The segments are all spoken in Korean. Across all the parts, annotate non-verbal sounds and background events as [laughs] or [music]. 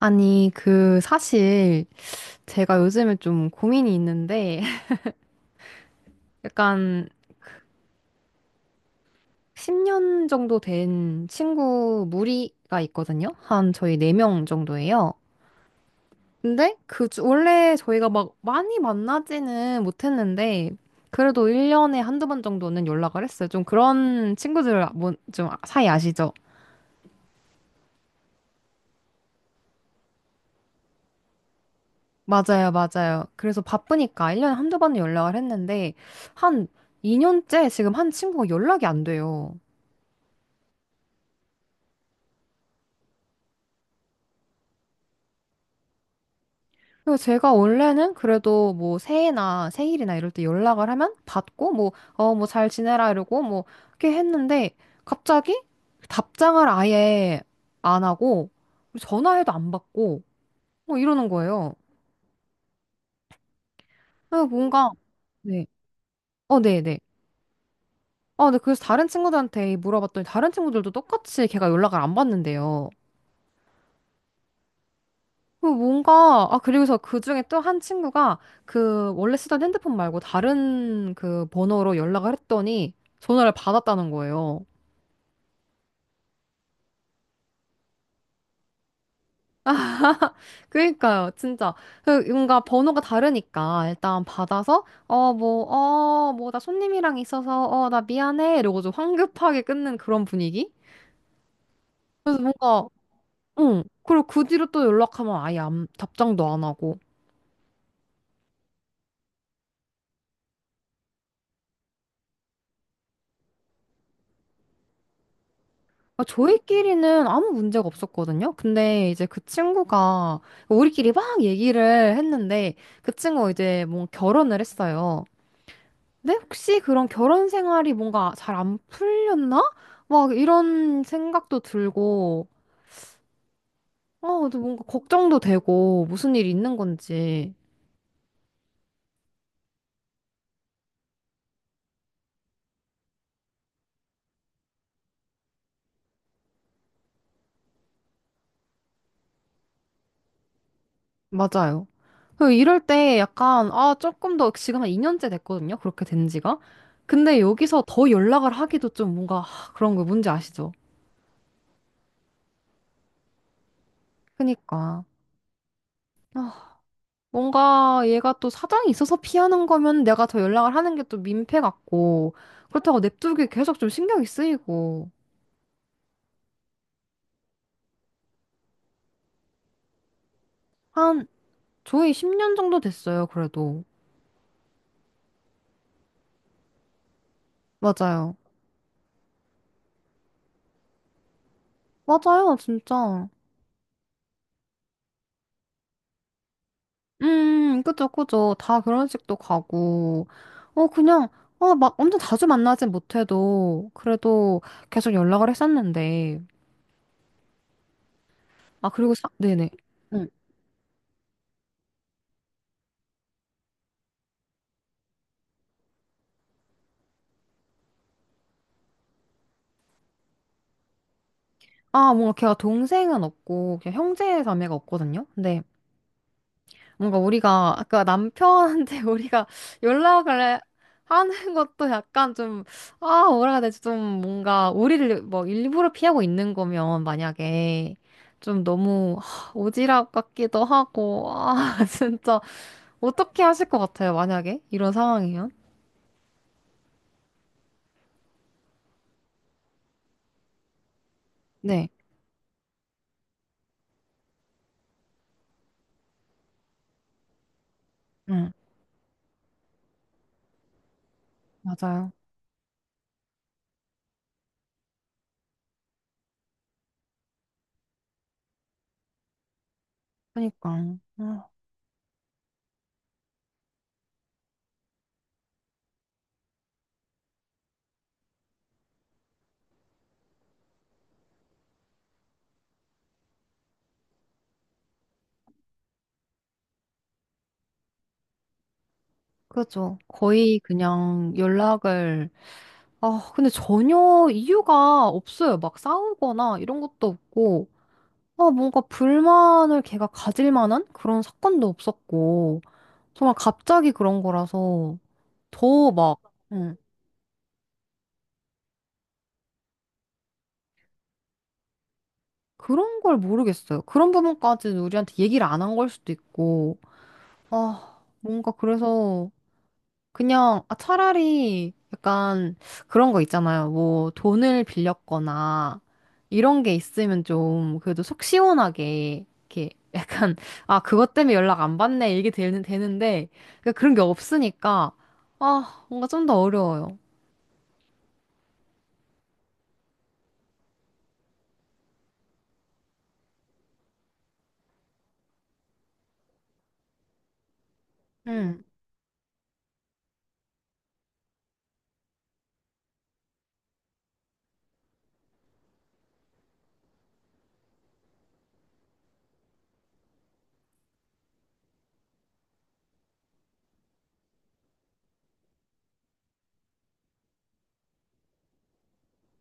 아니, 그, 사실, 제가 요즘에 좀 고민이 있는데, [laughs] 약간, 10년 정도 된 친구 무리가 있거든요? 한 저희 4명 정도예요. 근데, 그, 원래 저희가 막 많이 만나지는 못했는데, 그래도 1년에 한두 번 정도는 연락을 했어요. 좀 그런 친구들, 아, 뭐, 좀 사이 아시죠? 맞아요, 맞아요. 그래서 바쁘니까 1년에 한두 번은 연락을 했는데, 한 2년째 지금 한 친구가 연락이 안 돼요. 그리고 제가 원래는 그래도 뭐 새해나 생일이나 이럴 때 연락을 하면 받고 뭐, 어, 뭐 잘 지내라 이러고 뭐 이렇게 했는데 갑자기 답장을 아예 안 하고 전화해도 안 받고 뭐 이러는 거예요. 그래서 뭔가, 네. 어, 네네. 어, 네. 그래서 다른 친구들한테 물어봤더니 다른 친구들도 똑같이 걔가 연락을 안 받는데요. 그 뭔가, 아, 그리고서 그 중에 또 한 친구가 그 원래 쓰던 핸드폰 말고 다른 그 번호로 연락을 했더니 전화를 받았다는 거예요. 그러니까요, 진짜. 그 뭔가 번호가 다르니까 일단 받아서, 어, 뭐, 어, 뭐, 나 손님이랑 있어서, 어, 나 미안해. 이러고 좀 황급하게 끊는 그런 분위기? 그래서 뭔가, 응. 그리고 그 뒤로 또 연락하면 아예 안- 답장도 안 하고. 아, 저희끼리는 아무 문제가 없었거든요. 근데 이제 그 친구가 우리끼리 막 얘기를 했는데 그 친구가 이제 뭐 결혼을 했어요. 근데 혹시 그런 결혼 생활이 뭔가 잘 안 풀렸나? 막 이런 생각도 들고, 어, 또 뭔가 걱정도 되고 무슨 일이 있는 건지. 맞아요. 그 이럴 때 약간 아, 조금 더 지금 한 2년째 됐거든요. 그렇게 된 지가. 근데 여기서 더 연락을 하기도 좀 뭔가 하, 그런 거 뭔지 아시죠? 그니까. 아, 뭔가 얘가 또 사정이 있어서 피하는 거면 내가 더 연락을 하는 게 또 민폐 같고, 그렇다고 냅두기 계속 좀 신경이 쓰이고. 한, 저희 10년 정도 됐어요, 그래도. 맞아요. 맞아요, 진짜. 그죠, 그죠. 다 결혼식도 가고. 어, 그냥, 어, 막 엄청 자주 만나진 못해도, 그래도 계속 연락을 했었는데. 아, 그리고, 사, 네네. 응. 아, 뭔가 걔가 동생은 없고, 그냥 형제 자매가 없거든요? 근데 뭔가 우리가 아까 남편한테 [laughs] 우리가 연락을 하는 것도 약간 좀, 아, 뭐라 해야 되지? 좀 뭔가 우리를 뭐 일부러 피하고 있는 거면 만약에 좀 너무 하, 오지랖 같기도 하고, 아, [laughs] 진짜 어떻게 하실 것 같아요? 만약에 이런 상황이면? 네, 응, 맞아요. 그러니까, 어, 그죠. 거의 그냥 연락을, 아, 근데 전혀 이유가 없어요. 막 싸우거나 이런 것도 없고, 아, 뭔가 불만을 걔가 가질 만한 그런 사건도 없었고, 정말 갑자기 그런 거라서 더 막, 응, 그런 걸 모르겠어요. 그런 부분까지는 우리한테 얘기를 안 한 걸 수도 있고, 아, 뭔가 그래서 그냥 아, 차라리 약간 그런 거 있잖아요. 뭐 돈을 빌렸거나 이런 게 있으면 좀 그래도 속 시원하게 이렇게 [laughs] 약간 아 그것 때문에 연락 안 받네 이게 되는데 그러니까 그런 게 없으니까 아 뭔가 좀 더 어려워요. 응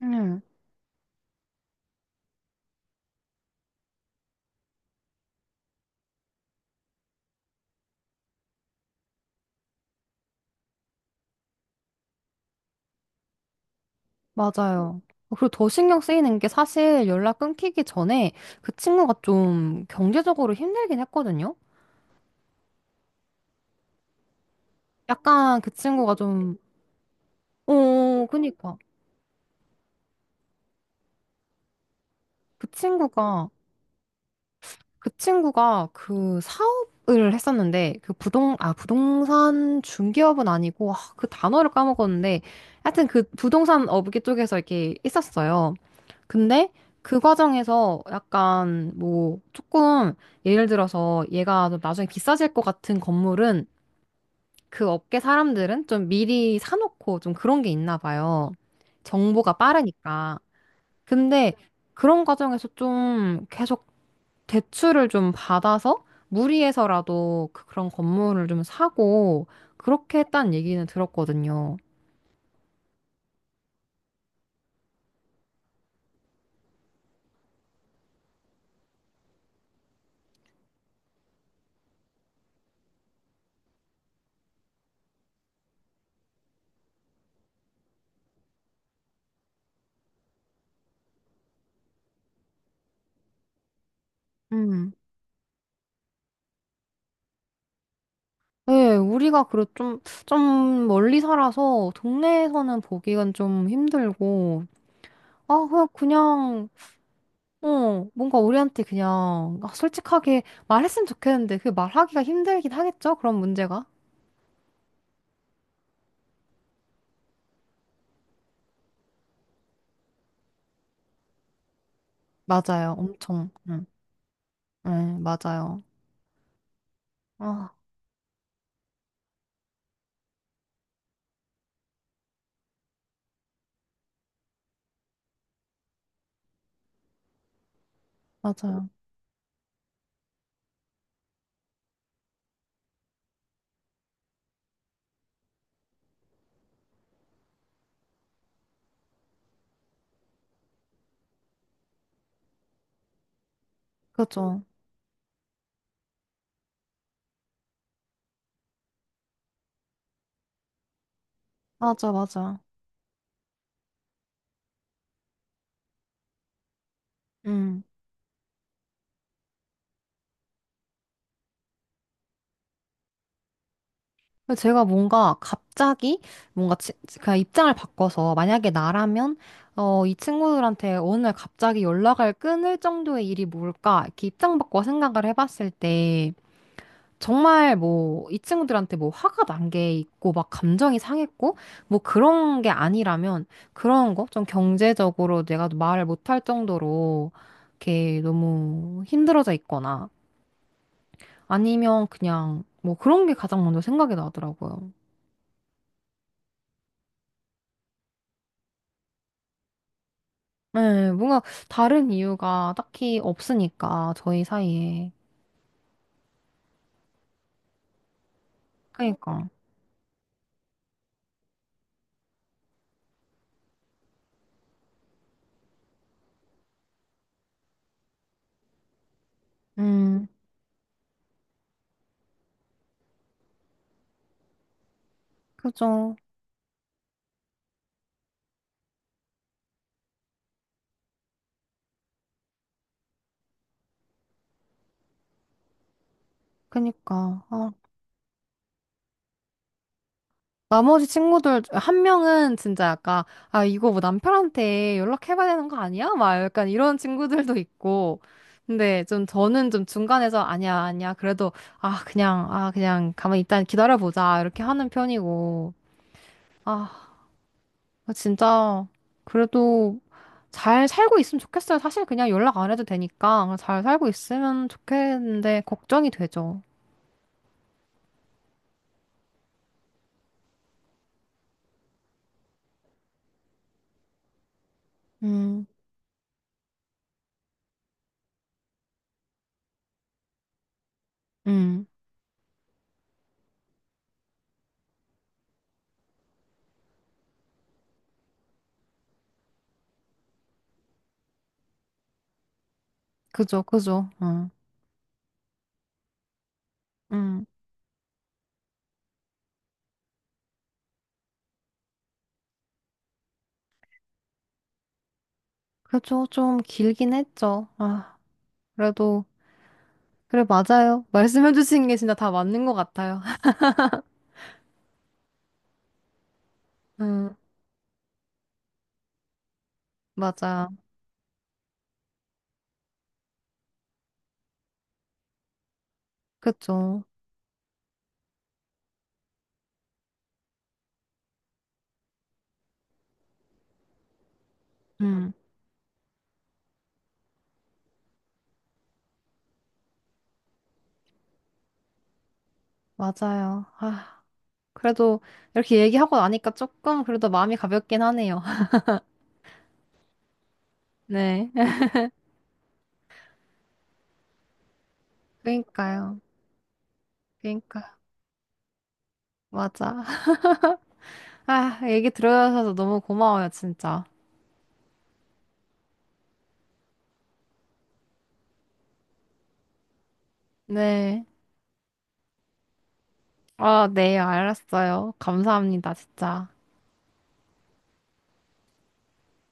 응 맞아요. 그리고 더 신경 쓰이는 게 사실 연락 끊기기 전에 그 친구가 좀 경제적으로 힘들긴 했거든요. 약간 그 친구가 좀, 어, 그니까. 그 친구가 그 친구가 그 사업을 했었는데 그 부동 아 부동산 중개업은 아니고 아, 그 단어를 까먹었는데 하여튼 그 부동산 업계 쪽에서 이렇게 있었어요. 근데 그 과정에서 약간 뭐 조금 예를 들어서 얘가 좀 나중에 비싸질 것 같은 건물은 그 업계 사람들은 좀 미리 사놓고 좀 그런 게 있나 봐요. 정보가 빠르니까. 근데 그런 과정에서 좀 계속 대출을 좀 받아서 무리해서라도 그런 건물을 좀 사고 그렇게 했다는 얘기는 들었거든요. 음. 네, 우리가 그래 좀, 좀 멀리 살아서 동네에서는 보기가 좀 힘들고, 아, 그냥, 그냥, 어, 뭔가 우리한테 그냥, 아, 솔직하게 말했으면 좋겠는데, 그 말하기가 힘들긴 하겠죠? 그런 문제가? 맞아요, 엄청. 응, 네, 맞아요. 아, 맞아요. 그죠. 맞아, 맞아. 음. 근데 제가 뭔가 갑자기 뭔가 치- 그냥 입장을 바꿔서 만약에 나라면 어, 이 친구들한테 어느 날 갑자기 연락을 끊을 정도의 일이 뭘까 이렇게 입장 바꿔 생각을 해봤을 때 정말 뭐 이 친구들한테 뭐 화가 난 게 있고 막 감정이 상했고 뭐 그런 게 아니라면 그런 거 좀 경제적으로 내가 말을 못할 정도로 이렇게 너무 힘들어져 있거나 아니면 그냥 뭐 그런 게 가장 먼저 생각이 나더라고요. 네, 뭔가 다른 이유가 딱히 없으니까, 저희 사이에. 그니까. 음, 그죠. 그니까. 아, 나머지 친구들, 한 명은 진짜 약간, 아, 이거 뭐 남편한테 연락해봐야 되는 거 아니야? 막 약간 이런 친구들도 있고. 근데 좀 저는 좀 중간에서 아니야, 아니야. 그래도, 아, 그냥, 아, 그냥 가만히 일단 기다려보자. 이렇게 하는 편이고. 아, 아, 진짜 그래도 잘 살고 있으면 좋겠어요. 사실 그냥 연락 안 해도 되니까 그냥 잘 살고 있으면 좋겠는데 걱정이 되죠. 음, 음, 그죠, 그죠, 음, 그죠. 좀 길긴 했죠. 아, 그래도 그래 맞아요. [laughs] 말씀해주신 게 진짜 다 맞는 것 같아요. [laughs] 음, 맞아, 그죠. 음, 맞아요. 아, 그래도 이렇게 얘기하고 나니까 조금 그래도 마음이 가볍긴 하네요. [laughs] 네, 그러니까요, 그러니까 맞아. 아, 얘기 들어주셔서 너무 고마워요, 진짜. 네. 아, 네, 알았어요. 감사합니다, 진짜.